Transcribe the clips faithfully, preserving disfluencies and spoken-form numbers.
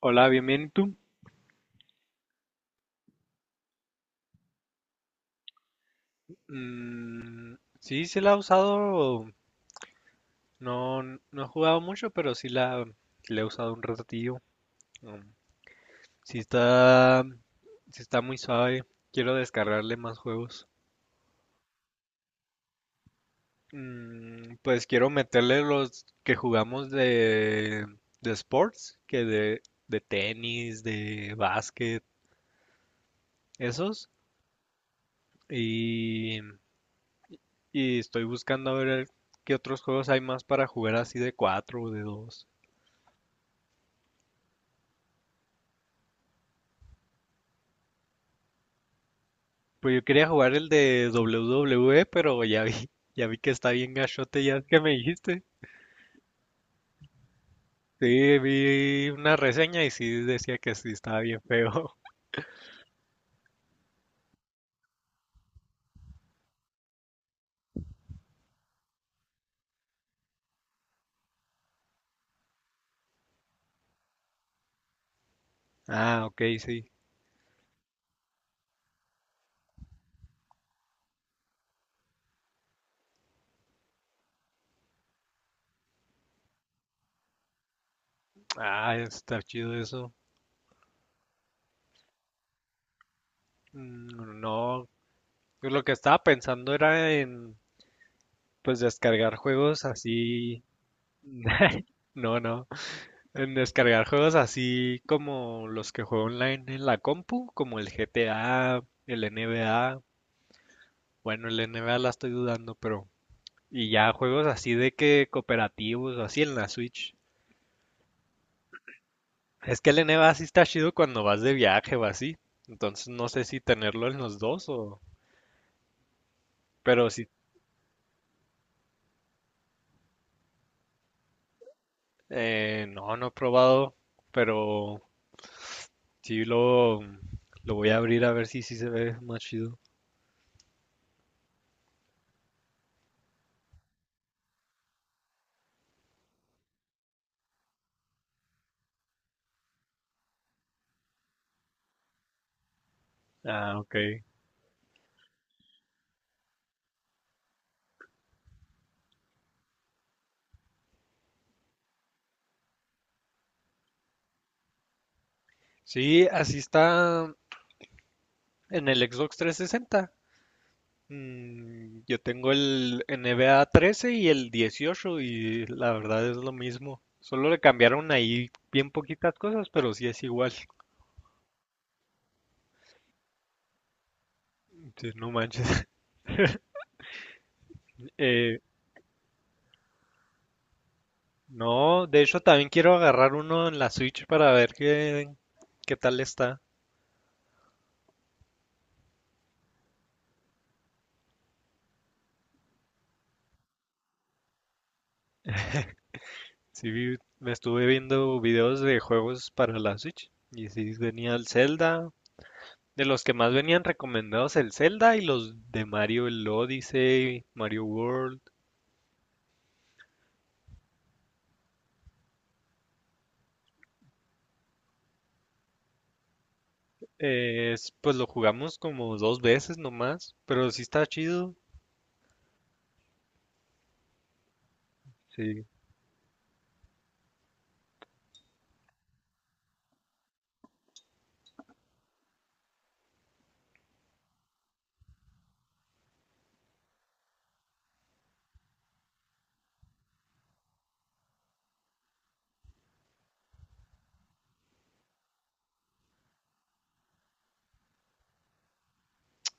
Hola, bienvenido. ¿tú? Mm, sí, sí la he usado. No, no he jugado mucho, pero sí la, sí la he usado un ratillo. Mm, sí está, sí está muy suave. Quiero descargarle más juegos. Mm, pues quiero meterle los que jugamos de, de sports, que de, de tenis, de básquet, esos. Y, y estoy buscando a ver qué otros juegos hay más para jugar así de cuatro o de dos. Pues yo quería jugar el de W W E, pero ya vi, ya vi que está bien gachote, ya es que me dijiste. Sí, vi una reseña y sí decía que sí estaba bien feo. Ah, ok, sí. Ah, está chido eso. Mm, no, pues lo que estaba pensando era en, pues descargar juegos así. No, no. En descargar juegos así como los que juego online en la compu, como el G T A, el N B A. Bueno, el N B A la estoy dudando, pero. Y ya juegos así de que cooperativos o así en la Switch. Es que el N B A sí está chido cuando vas de viaje o así. Entonces no sé si tenerlo en los dos o. Pero sí, eh, no, no he probado. Pero sí lo, lo voy a abrir a ver si sí se ve más chido. Ah, ok. Sí, así está en el Xbox trescientos sesenta. Mm, yo tengo el N seis A trece y el dieciocho y la verdad es lo mismo. Solo le cambiaron ahí bien poquitas cosas, pero sí es igual. Entonces, no manches. Eh, no, de hecho también quiero agarrar uno en la Switch para ver qué, qué tal está. Sí, vi- me estuve viendo videos de juegos para la Switch y sí venía el Zelda. De los que más venían recomendados el Zelda y los de Mario, el Odyssey, Mario World. Eh, es- pues lo jugamos como dos veces nomás, pero sí está chido. Sí.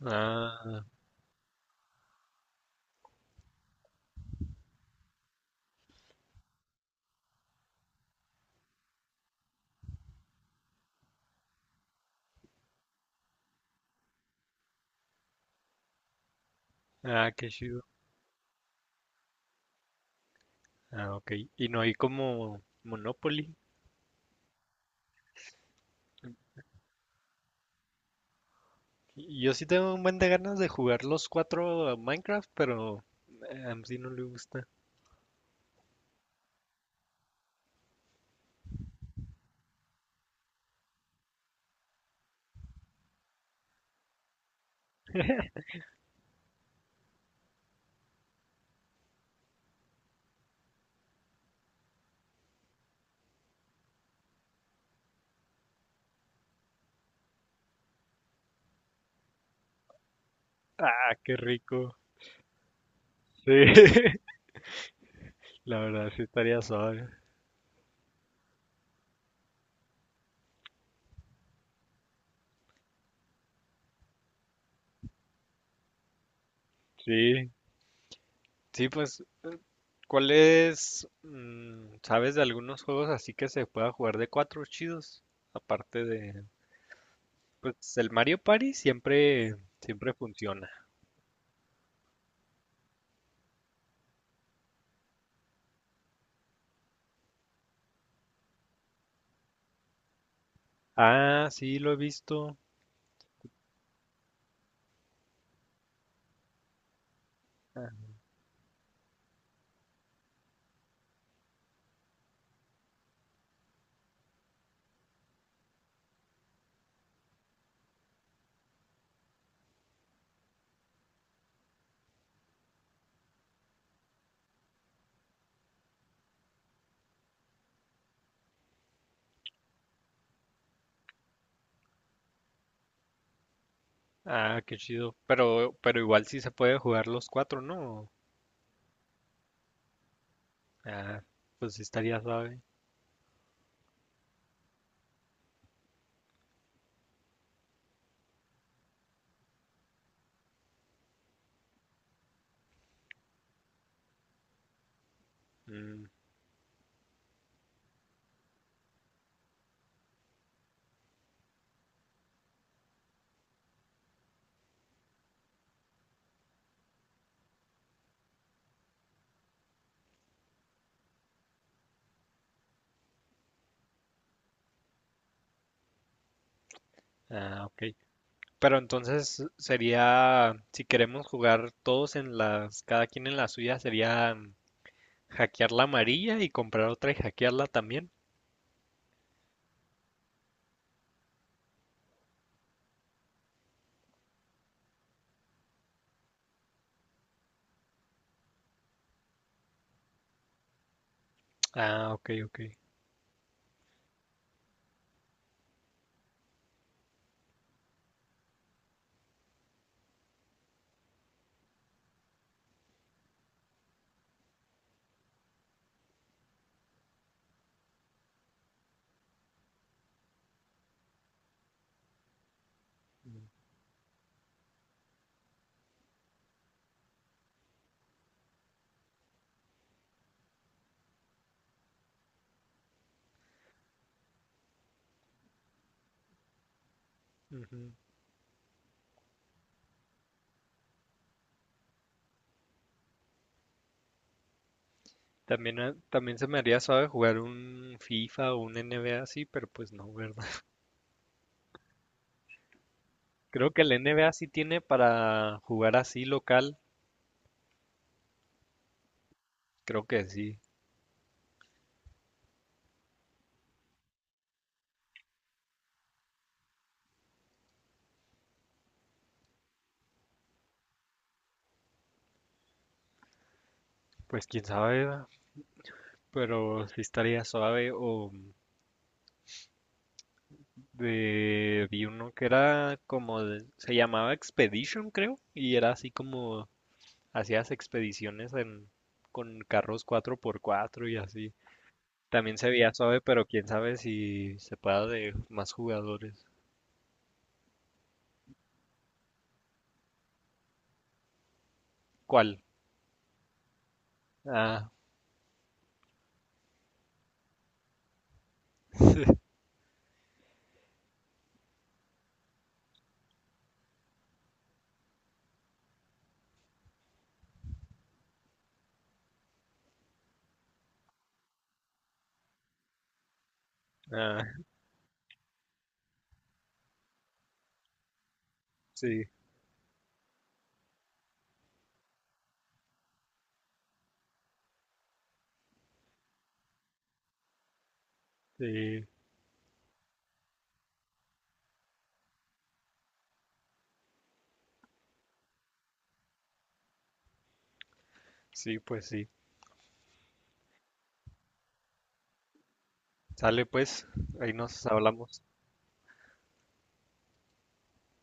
Ah, ah, qué chido. Ah, ok. Y no hay como Monopoly. Y yo sí tengo un buen de ganas de jugar los cuatro a Minecraft, pero eh, a sí no le gusta. Ah, qué rico. Sí, la verdad sí estaría suave. Sí, sí, pues, eh, ¿cuál es, mm, sabes de algunos juegos así que se pueda jugar de cuatro chidos? Aparte de. Pues el Mario Party siempre, siempre funciona. Ah, sí, lo he visto. Ah, ah, qué chido. Pero, pero igual sí se puede jugar los cuatro, ¿no? Ah, pues sí estaría suave. Mm, ah, ok. Pero entonces sería, si queremos jugar todos en las, cada quien en la suya, sería mm, hackear la amarilla y comprar otra y hackearla también. Ah, ok, ok. Mm, ujú. También, a- también se me haría suave jugar un FIFA o un N B A así, pero pues no, ¿verdad? Creo que el N B A sí tiene para jugar así local, creo que sí. Pues quién sabe, ¿verdad? Pero sí estaría suave. O de, vi uno que era como, de- se llamaba Expedition, creo, y era así como hacías expediciones en, con carros cuatro por cuatro y así. También se veía suave, pero quién sabe si se pueda de más jugadores. ¿Cuál? Ah, Ah, sí, sí, sí, pues sí. Sale pues, ahí nos hablamos.